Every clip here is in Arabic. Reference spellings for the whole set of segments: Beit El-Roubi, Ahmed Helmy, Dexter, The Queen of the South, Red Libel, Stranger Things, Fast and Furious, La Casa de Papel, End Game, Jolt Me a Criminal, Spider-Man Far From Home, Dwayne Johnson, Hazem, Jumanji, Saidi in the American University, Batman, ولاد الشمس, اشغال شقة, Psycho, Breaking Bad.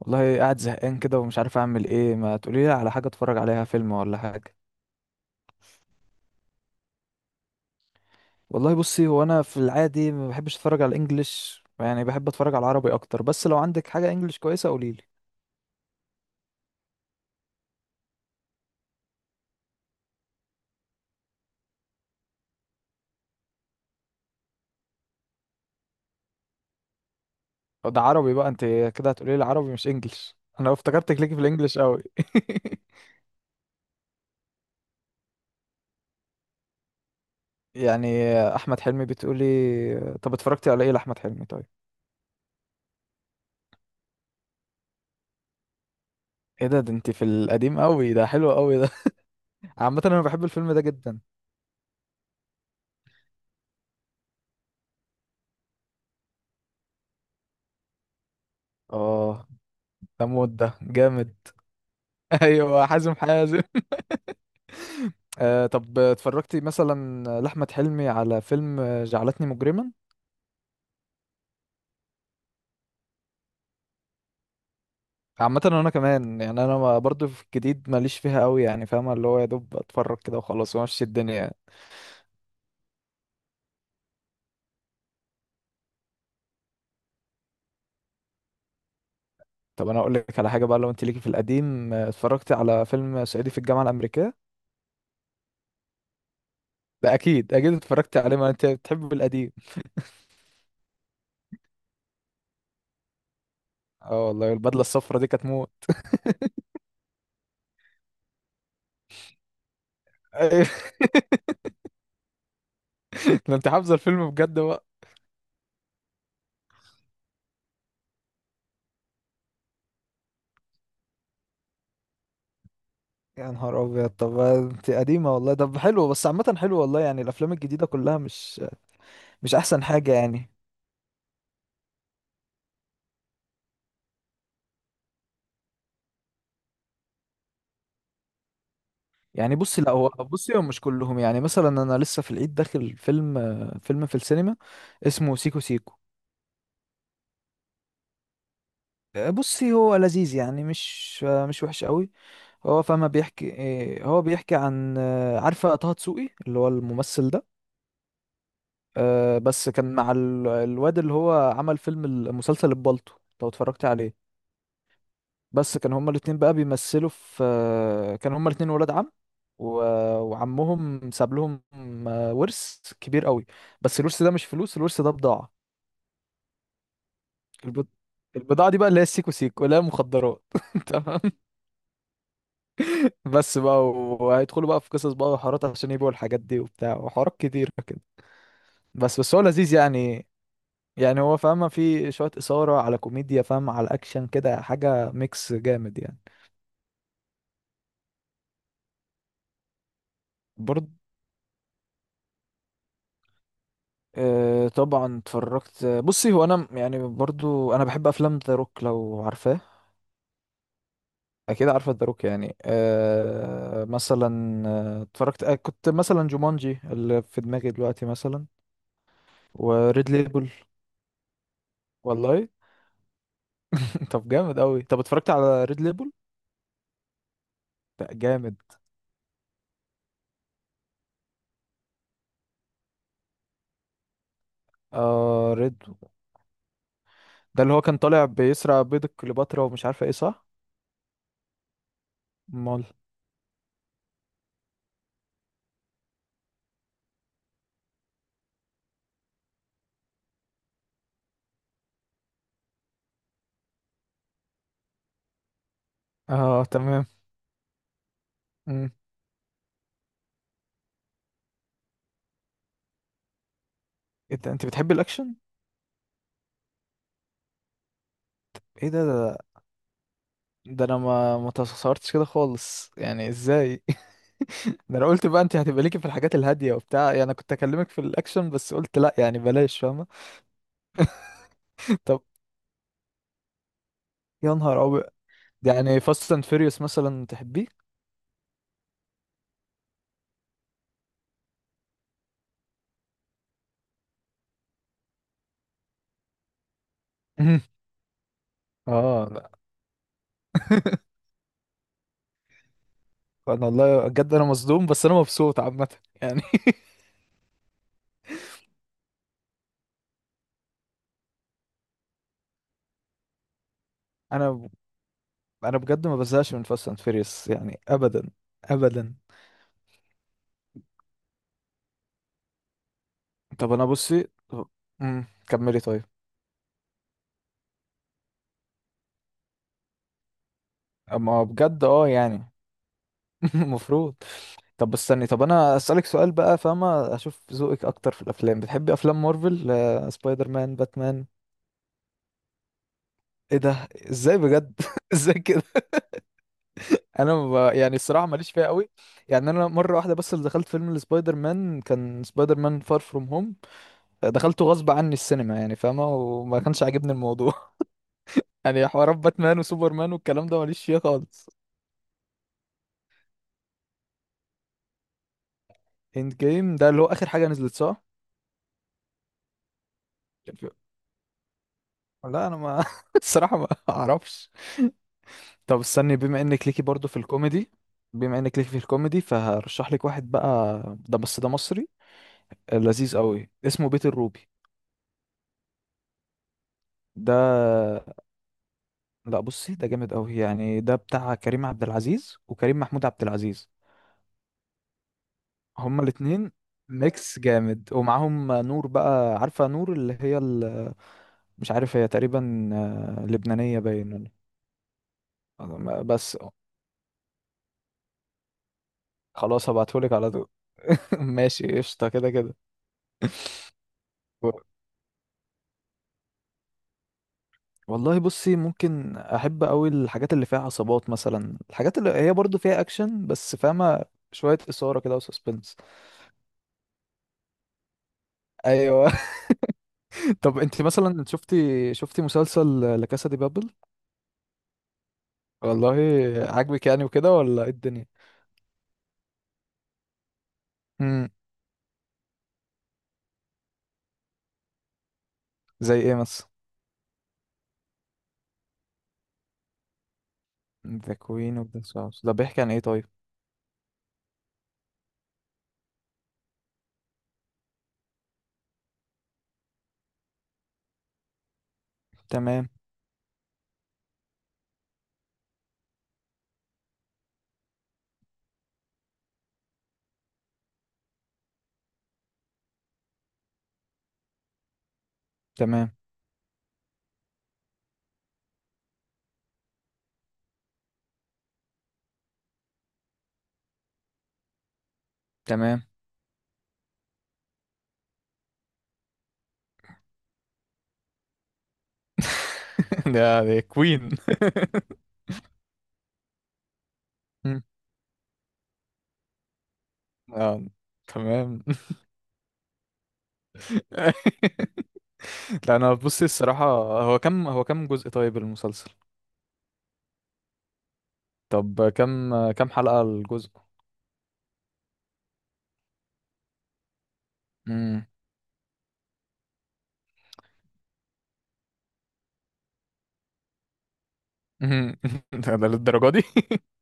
والله قاعد زهقان كده ومش عارف اعمل ايه، ما تقولي لي على حاجه اتفرج عليها فيلم ولا حاجه؟ والله بصي، هو انا في العادي ما بحبش اتفرج على الانجليش، يعني بحب اتفرج على العربي اكتر، بس لو عندك حاجه انجليش كويسه قولي لي. ده عربي بقى انت؟ كده هتقولي لي عربي مش انجليش؟ انا افتكرتك ليكي في الانجليش قوي. يعني احمد حلمي بتقولي؟ طب اتفرجتي على ايه لاحمد حلمي طيب؟ ايه ده؟ ده انت في القديم قوي. ده حلو قوي ده. عامه انا بحب الفيلم ده جدا. اه، ده مود ده. جامد. ايوه، حازم حازم. طب اتفرجتي مثلا لأحمد حلمي على فيلم جعلتني مجرما؟ عامة انا كمان يعني، انا برضو في الجديد ماليش فيها قوي، يعني فاهمة اللي هو يا دوب اتفرج كده وخلاص وامشي الدنيا يعني. طب انا اقول لك على حاجة بقى، لو انت ليكي في القديم، اتفرجتي على فيلم صعيدي في الجامعة الأمريكية؟ ده اكيد اكيد اتفرجتي عليه، ما انت بتحب القديم. اه والله، البدلة الصفرا دي كانت موت. أيوة. ده انت حافظة الفيلم بجد بقى. يا نهار ابيض، طب انت قديمه والله. طب حلو، بس عامه حلو والله. يعني الافلام الجديده كلها مش احسن حاجة يعني. يعني بصي، لا هو بصي هم مش كلهم، يعني مثلا انا لسه في العيد داخل فيلم، فيلم في السينما اسمه سيكو سيكو. بصي هو لذيذ يعني، مش مش وحش قوي. هو فما بيحكي. هو بيحكي عن عارفة طه دسوقي اللي هو الممثل ده؟ بس كان مع الواد اللي هو عمل فيلم المسلسل البالطو، لو اتفرجت عليه. بس كان هما الاتنين بقى بيمثلوا في كان هما الاتنين ولاد عم و... وعمهم ساب لهم ورث كبير قوي. بس الورث ده مش فلوس، الورث ده بضاعة. البض... البضاعة دي بقى، اللي هي السيكو سيكو، اللي هي مخدرات. تمام. بس بقى وهيدخلوا بقى في قصص بقى وحوارات عشان يبيعوا الحاجات دي وبتاع، وحوارات كتيرة كده. بس هو لذيذ يعني. يعني هو فاهمة في شوية إثارة على كوميديا، فاهمة على أكشن كده، حاجة ميكس جامد يعني. برضه طبعا اتفرجت. بصي هو انا يعني برضو انا بحب افلام ذا روك، لو عارفاه. اكيد عارفه ذا روك يعني. مثلا اتفرجت كنت مثلا جومانجي اللي في دماغي دلوقتي مثلا، وريد ليبل. والله. طب جامد قوي. طب اتفرجت على ريد ليبل؟ ده جامد. اه، ريد. ده اللي هو كان طالع بيسرق بيض كليوباترا ومش عارفه ايه، صح؟ امال؟ اه تمام. مم. إيه ده، انت بتحبي الاكشن؟ ايه ده ده! ده انا ما تصورتش كده خالص، يعني ازاي؟ ده انا قلت بقى انت هتبقى ليكي في الحاجات الهاديه وبتاع، يعني انا كنت اكلمك في الاكشن بس قلت لا، يعني بلاش فاهمه. طب. يا نهار ابيض! يعني فاست اند فيريوس مثلا تحبيه؟ مهم. اه لا. انا والله بجد انا مصدوم، بس انا مبسوط عامه يعني. انا ب- انا بجد ما بزهقش من فاست اند فيريوس يعني، ابدا. ابدا. طب انا بصي. مم، كملي طيب. اما بجد، اه يعني. المفروض. طب بس استني، طب انا اسالك سؤال بقى فاهمه، اشوف ذوقك اكتر في الافلام. بتحبي افلام مارفل، سبايدر مان، باتمان؟ ايه ده، ازاي بجد؟ ازاي كده؟ انا يعني الصراحه ماليش فيها قوي يعني. انا مره واحده بس اللي دخلت فيلم لسبايدر مان كان سبايدر مان فار فروم هوم. دخلته غصب عني السينما يعني فاهمه، وما كانش عاجبني الموضوع. يعني حوارات باتمان وسوبرمان والكلام ده ماليش فيها خالص. اند جيم ده اللي هو اخر حاجه نزلت، صح؟ كان في- لا، انا ما الصراحه ما اعرفش. طب استني، بما انك ليكي برضو في الكوميدي، بما انك ليكي في الكوميدي فهرشح لك واحد بقى. ده بس ده مصري، لذيذ قوي، اسمه بيت الروبي. ده. لا بصي، ده جامد قوي يعني. ده بتاع كريم عبد العزيز وكريم محمود عبد العزيز، هما الاتنين، ميكس جامد. ومعاهم نور بقى. عارفة نور اللي هي مش عارف، هي تقريبا لبنانية باين. بس. خلاص هبعتهولك على طول. ماشي قشطة كده كده. والله بصي، ممكن احب قوي الحاجات اللي فيها عصابات مثلا، الحاجات اللي هي برضو فيها اكشن بس، فاهمه، شويه اثاره كده وسسبنس. ايوه. طب انت مثلا شفتي مسلسل لا كاسا دي بابل؟ والله. عاجبك يعني وكده ولا ايه الدنيا؟ امم. زي ايه مثلا؟ ذا كوين اوف ذا ساوث ده بيحكي عن ايه طيب؟ تمام. تمام. تمام. ده كوين. مم. اه تمام. لا، انا بصي الصراحه. هو كم جزء طيب المسلسل؟ طب كم حلقة الجزء؟ امم. ده للدرجة دي؟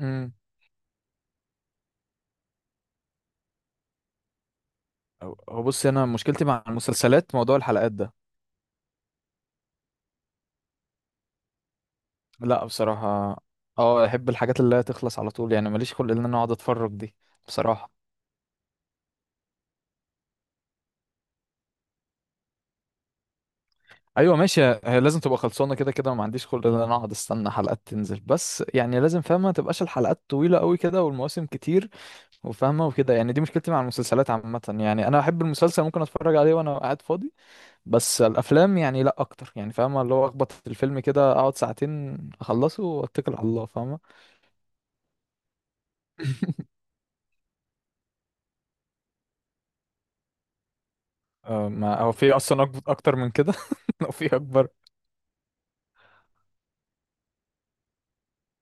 امم. هو بص، انا مشكلتي مع المسلسلات موضوع الحلقات ده. لا بصراحة، اه، احب الحاجات اللي هي تخلص على طول يعني. ماليش خلق ان انا اقعد اتفرج دي، بصراحة. ايوه ماشي، هي لازم تبقى خلصانة كده كده. ما عنديش خلق ان انا اقعد استنى حلقات تنزل. بس يعني لازم فاهمة، ما تبقاش الحلقات طويلة قوي كده والمواسم كتير وفاهمة وكده يعني. دي مشكلتي مع المسلسلات عامة يعني. انا احب المسلسل ممكن اتفرج عليه وانا قاعد فاضي. بس الافلام يعني لا اكتر، يعني فاهمه اللي هو اخبط في الفيلم كده، اقعد ساعتين اخلصه واتكل على الله، فاهمه. آه، ما هو في اصلا اكتر من كده. لو في اكبر.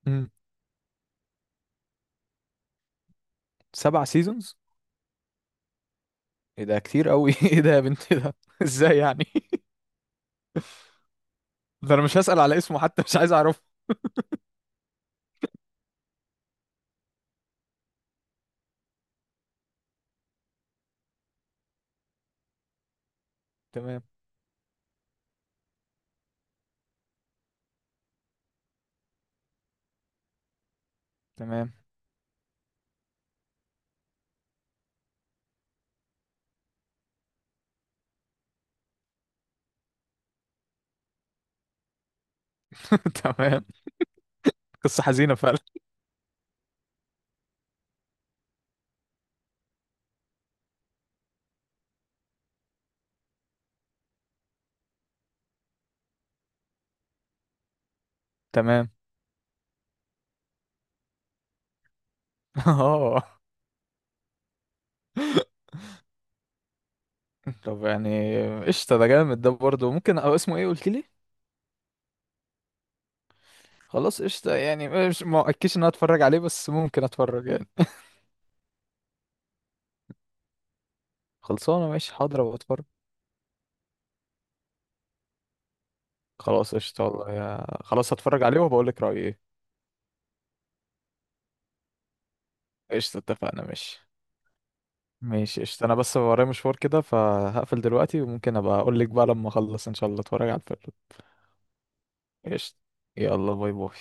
مم. 7 سيزونز؟ ايه ده كتير قوي! ايه ده يا بنت ده! ازاي يعني؟ ده انا مش هسأل على اسمه حتى، مش عايز اعرفه. تمام. تمام. تمام. قصة حزينة فعلا. تمام. اه، طب يعني قشطة، ده جامد، ده برضه ممكن. او اسمه ايه قلت لي؟ خلاص قشطة يعني. مش ما اكدش ان انا اتفرج عليه، بس ممكن اتفرج يعني. خلصانة؟ ماشي، حاضر أبقى أتفرج. خلاص قشطة والله يا خلاص، هتفرج عليه وبقول لك رأيي إيه. قشطة اتفقنا. ماشي. ماشي قشطة. أنا بس ورايا مشوار كده فهقفل دلوقتي، وممكن أبقى أقول لك بقى لما أخلص إن شاء الله أتفرج على الفيلم. قشطة. يلا، باي باي.